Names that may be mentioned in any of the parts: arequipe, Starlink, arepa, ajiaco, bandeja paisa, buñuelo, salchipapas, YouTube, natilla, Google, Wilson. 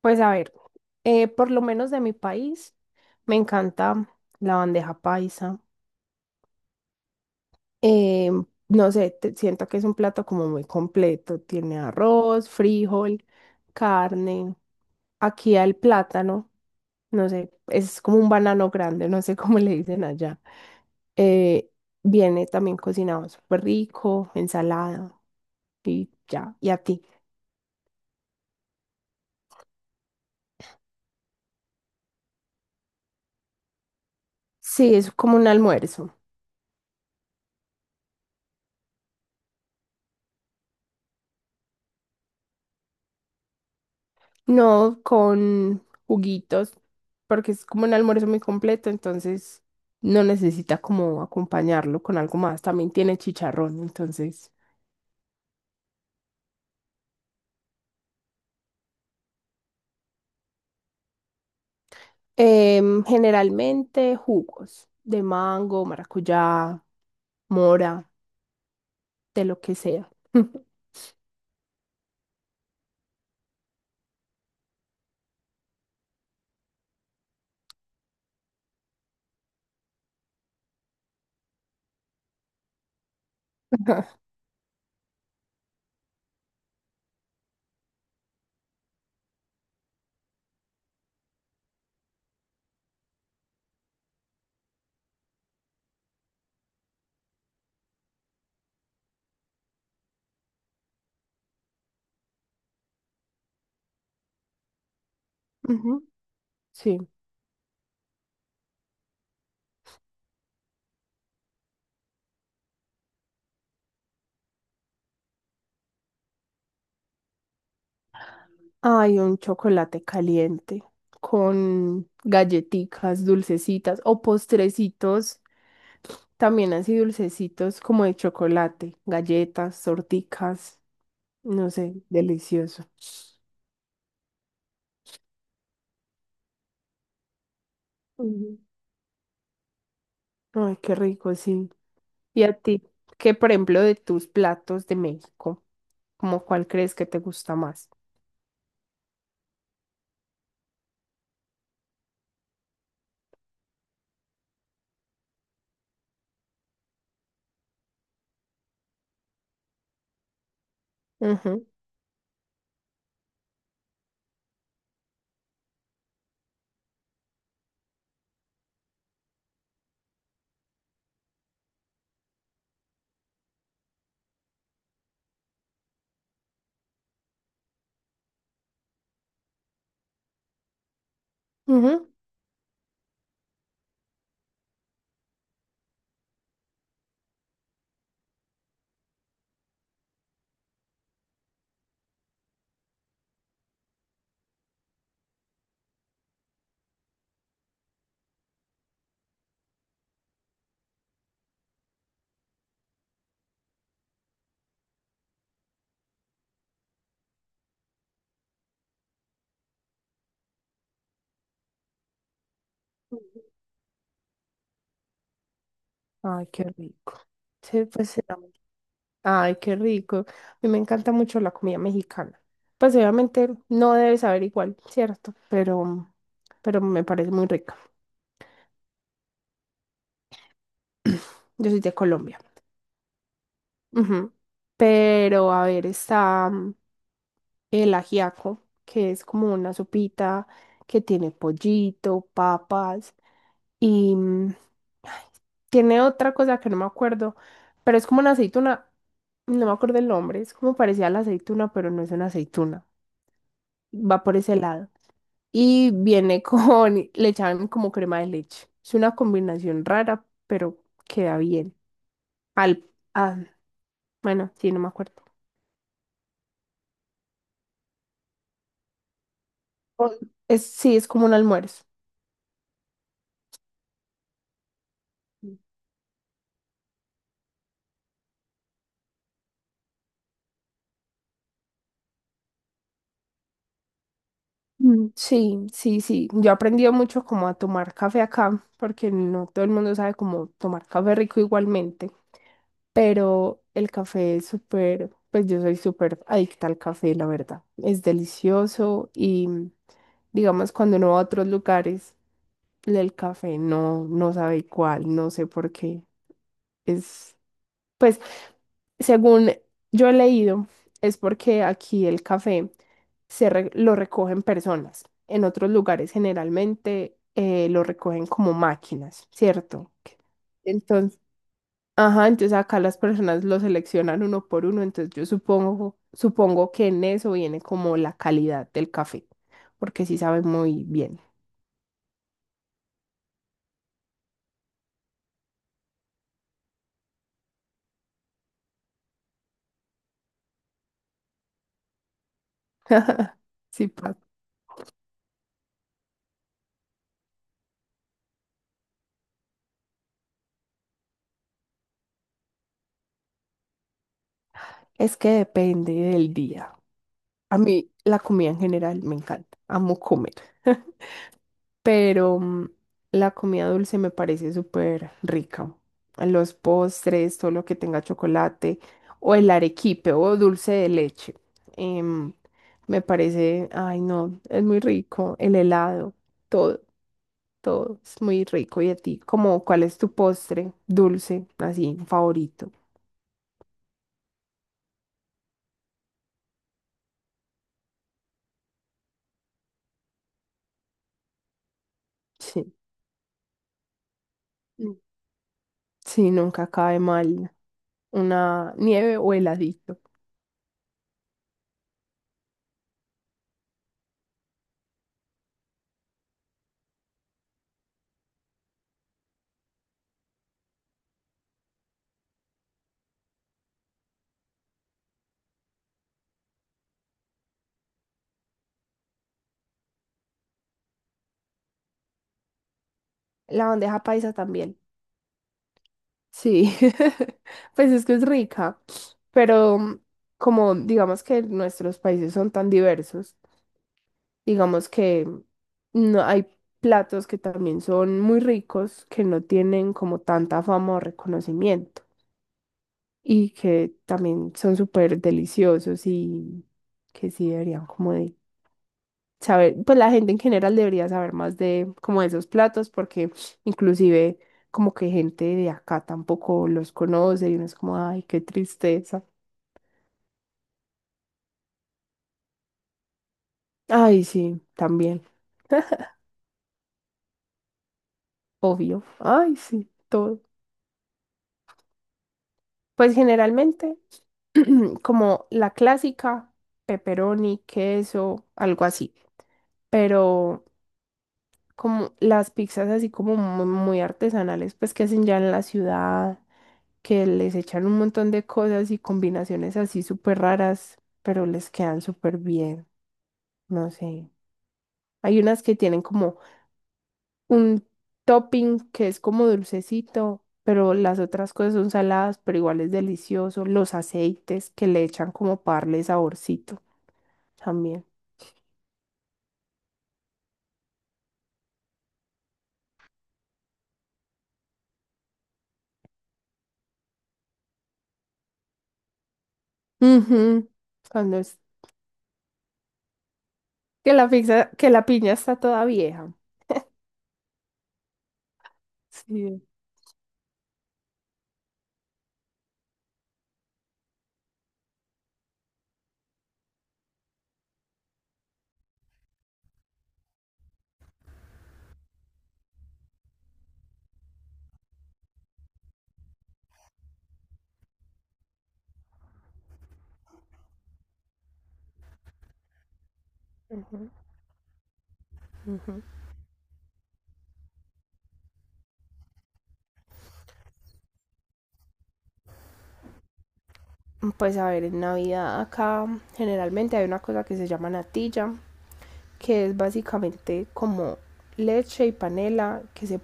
Pues a ver, por lo menos de mi país, me encanta la bandeja paisa. Eh, no sé, siento que es un plato como muy completo. Tiene arroz, frijol, carne. Aquí el plátano, no sé, es como un banano grande, no sé cómo le dicen allá. Eh, Viene también cocinado súper rico, ensalada y ya. ¿Y a ti? Sí, es como un almuerzo. No, con juguitos, porque es como un almuerzo muy completo, entonces no necesita como acompañarlo con algo más. También tiene chicharrón, entonces. Generalmente jugos de mango, maracuyá, mora, de lo que sea. Ujú, sí. Ay, un chocolate caliente con galletitas, dulcecitas o postrecitos, también así dulcecitos como de chocolate, galletas, torticas, no sé, delicioso. Ujú. Ay, qué rico, sí. ¿Y a ti? ¿Qué, por ejemplo, de tus platos de México? ¿Cómo cuál crees que te gusta más? Ujú, ujú. Ay, qué rico. Sí, pues será. Ay, qué rico. A mí me encanta mucho la comida mexicana. Pues obviamente no debe saber igual, ¿cierto? Pero me parece muy rica. Yo soy de Colombia. Ujú. Pero a ver, está el ajiaco, que es como una sopita que tiene pollito, papas y ay, tiene otra cosa que no me acuerdo, pero es como una aceituna. No me acuerdo el nombre, es como parecía a la aceituna, pero no es una aceituna. Va por ese lado. Y viene con, le echan como crema de leche. Es una combinación rara, pero queda bien. Al, ah, bueno, sí, no me acuerdo. O- Es, sí, es como un almuerzo. Mm, sí, sí, sí. Yo he aprendido mucho como a tomar café acá, porque no todo el mundo sabe cómo tomar café rico igualmente, pero el café es súper, pues yo soy súper adicta al café, la verdad. Es delicioso y digamos cuando uno va a otros lugares. El café, no, no sabe cuál, no sé por qué. Es, pues, según yo he leído, es porque aquí el café lo recogen personas. En otros lugares generalmente lo recogen como máquinas, ¿cierto? Entonces, ajá, entonces acá las personas lo seleccionan uno por uno, entonces yo supongo, supongo que en eso viene como la calidad del café, porque sí sabe muy bien. Sí, es que depende del día. A mí la comida en general me encanta, amo comer. Pero la comida dulce me parece súper rica. Los postres, todo lo que tenga chocolate, o el arequipe o dulce de leche. em, Me parece, ay no, es muy rico. El helado, todo, todo es muy rico. ¿Y a ti? Como, ¿cuál es tu postre dulce, así, favorito? Sí, mm. Sí, nunca cae mal una nieve o heladito. La bandeja paisa también. Sí, pues es que es rica, pero como digamos que nuestros países son tan diversos, digamos que no hay platos que también son muy ricos que no tienen como tanta fama o reconocimiento y que también son súper deliciosos y que sí deberían como de saber, pues la gente en general debería saber más de como de esos platos porque inclusive como que gente de acá tampoco los conoce y uno es como, ay, qué tristeza. Ay, sí, también, obvio. Ay, sí, todo. Pues generalmente como la clásica, pepperoni, queso, algo así, pero como las pizzas así como muy artesanales, pues que hacen ya en la ciudad que les echan un montón de cosas y combinaciones así súper raras, pero les quedan súper bien, no sé. Hay unas que tienen como un topping que es como dulcecito, pero las otras cosas son saladas, pero igual es delicioso. Los aceites que le echan como para darle saborcito también. Ujú, cuando es que la piña está toda vieja. Sí. Ujú, ujú. Pues a ver, en Navidad acá generalmente hay una cosa que se llama natilla, que es básicamente como leche y panela que se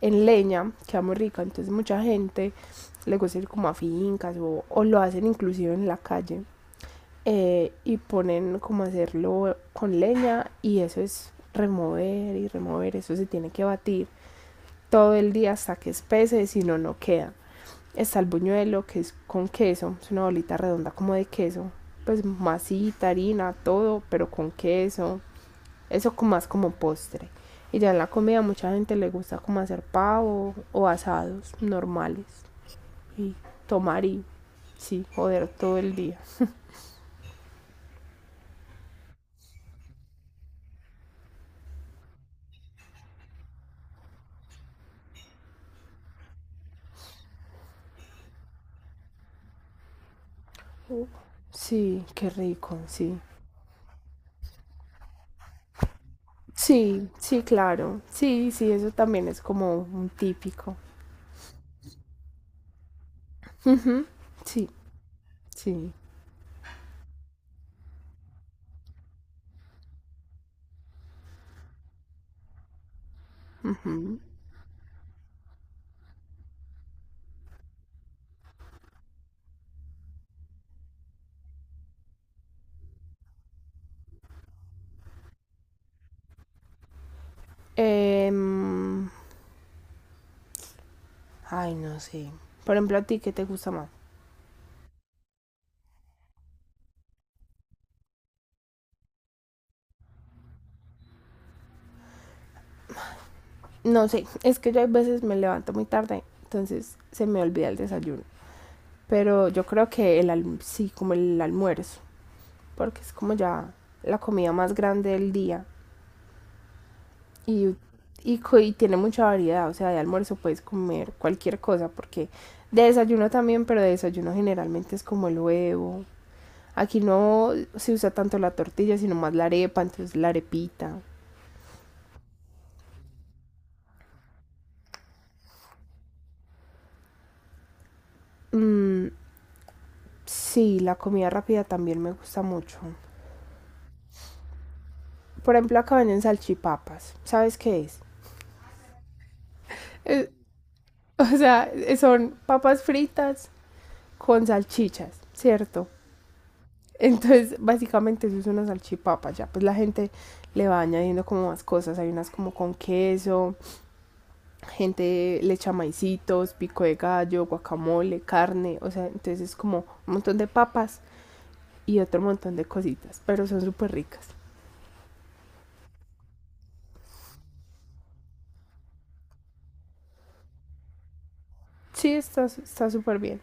en leña, queda muy rica, entonces mucha gente le gusta ir como a fincas o lo hacen inclusive en la calle y ponen como hacerlo con leña y eso es remover y remover, eso se tiene que batir todo el día hasta que espese, si no, no queda. Está el buñuelo que es con queso, es una bolita redonda como de queso, pues masita, harina, todo, pero con queso. Eso como más como postre. Y ya en la comida mucha gente le gusta como hacer pavo o asados normales. Y tomar y sí, joder todo el día. Sí, qué rico, sí. Sí, sí, claro. Sí, sí, eso también es como un típico. Sí, sí. Ujú. Em, Ay, no sé. Por ejemplo, a ti, ¿qué te gusta más? No sé, es que yo a veces me levanto muy tarde, entonces se me olvida el desayuno. Pero yo creo que sí, como el almuerzo, porque es como ya la comida más grande del día y, y tiene mucha variedad, o sea, de almuerzo puedes comer cualquier cosa, porque de desayuno también, pero de desayuno generalmente es como el huevo. Aquí no se usa tanto la tortilla, sino más la arepa, entonces la arepita. Mm, sí, la comida rápida también me gusta mucho. Por ejemplo, acá venden salchipapas. ¿Sabes qué es? Es- o sea, son papas fritas con salchichas, ¿cierto? Entonces, básicamente eso es una salchipapa, ya pues la gente le va añadiendo como más cosas, hay unas como con queso, gente le echa maicitos, pico de gallo, guacamole, carne, o sea, entonces es como un montón de papas y otro montón de cositas, pero son súper ricas. Sí, está súper bien.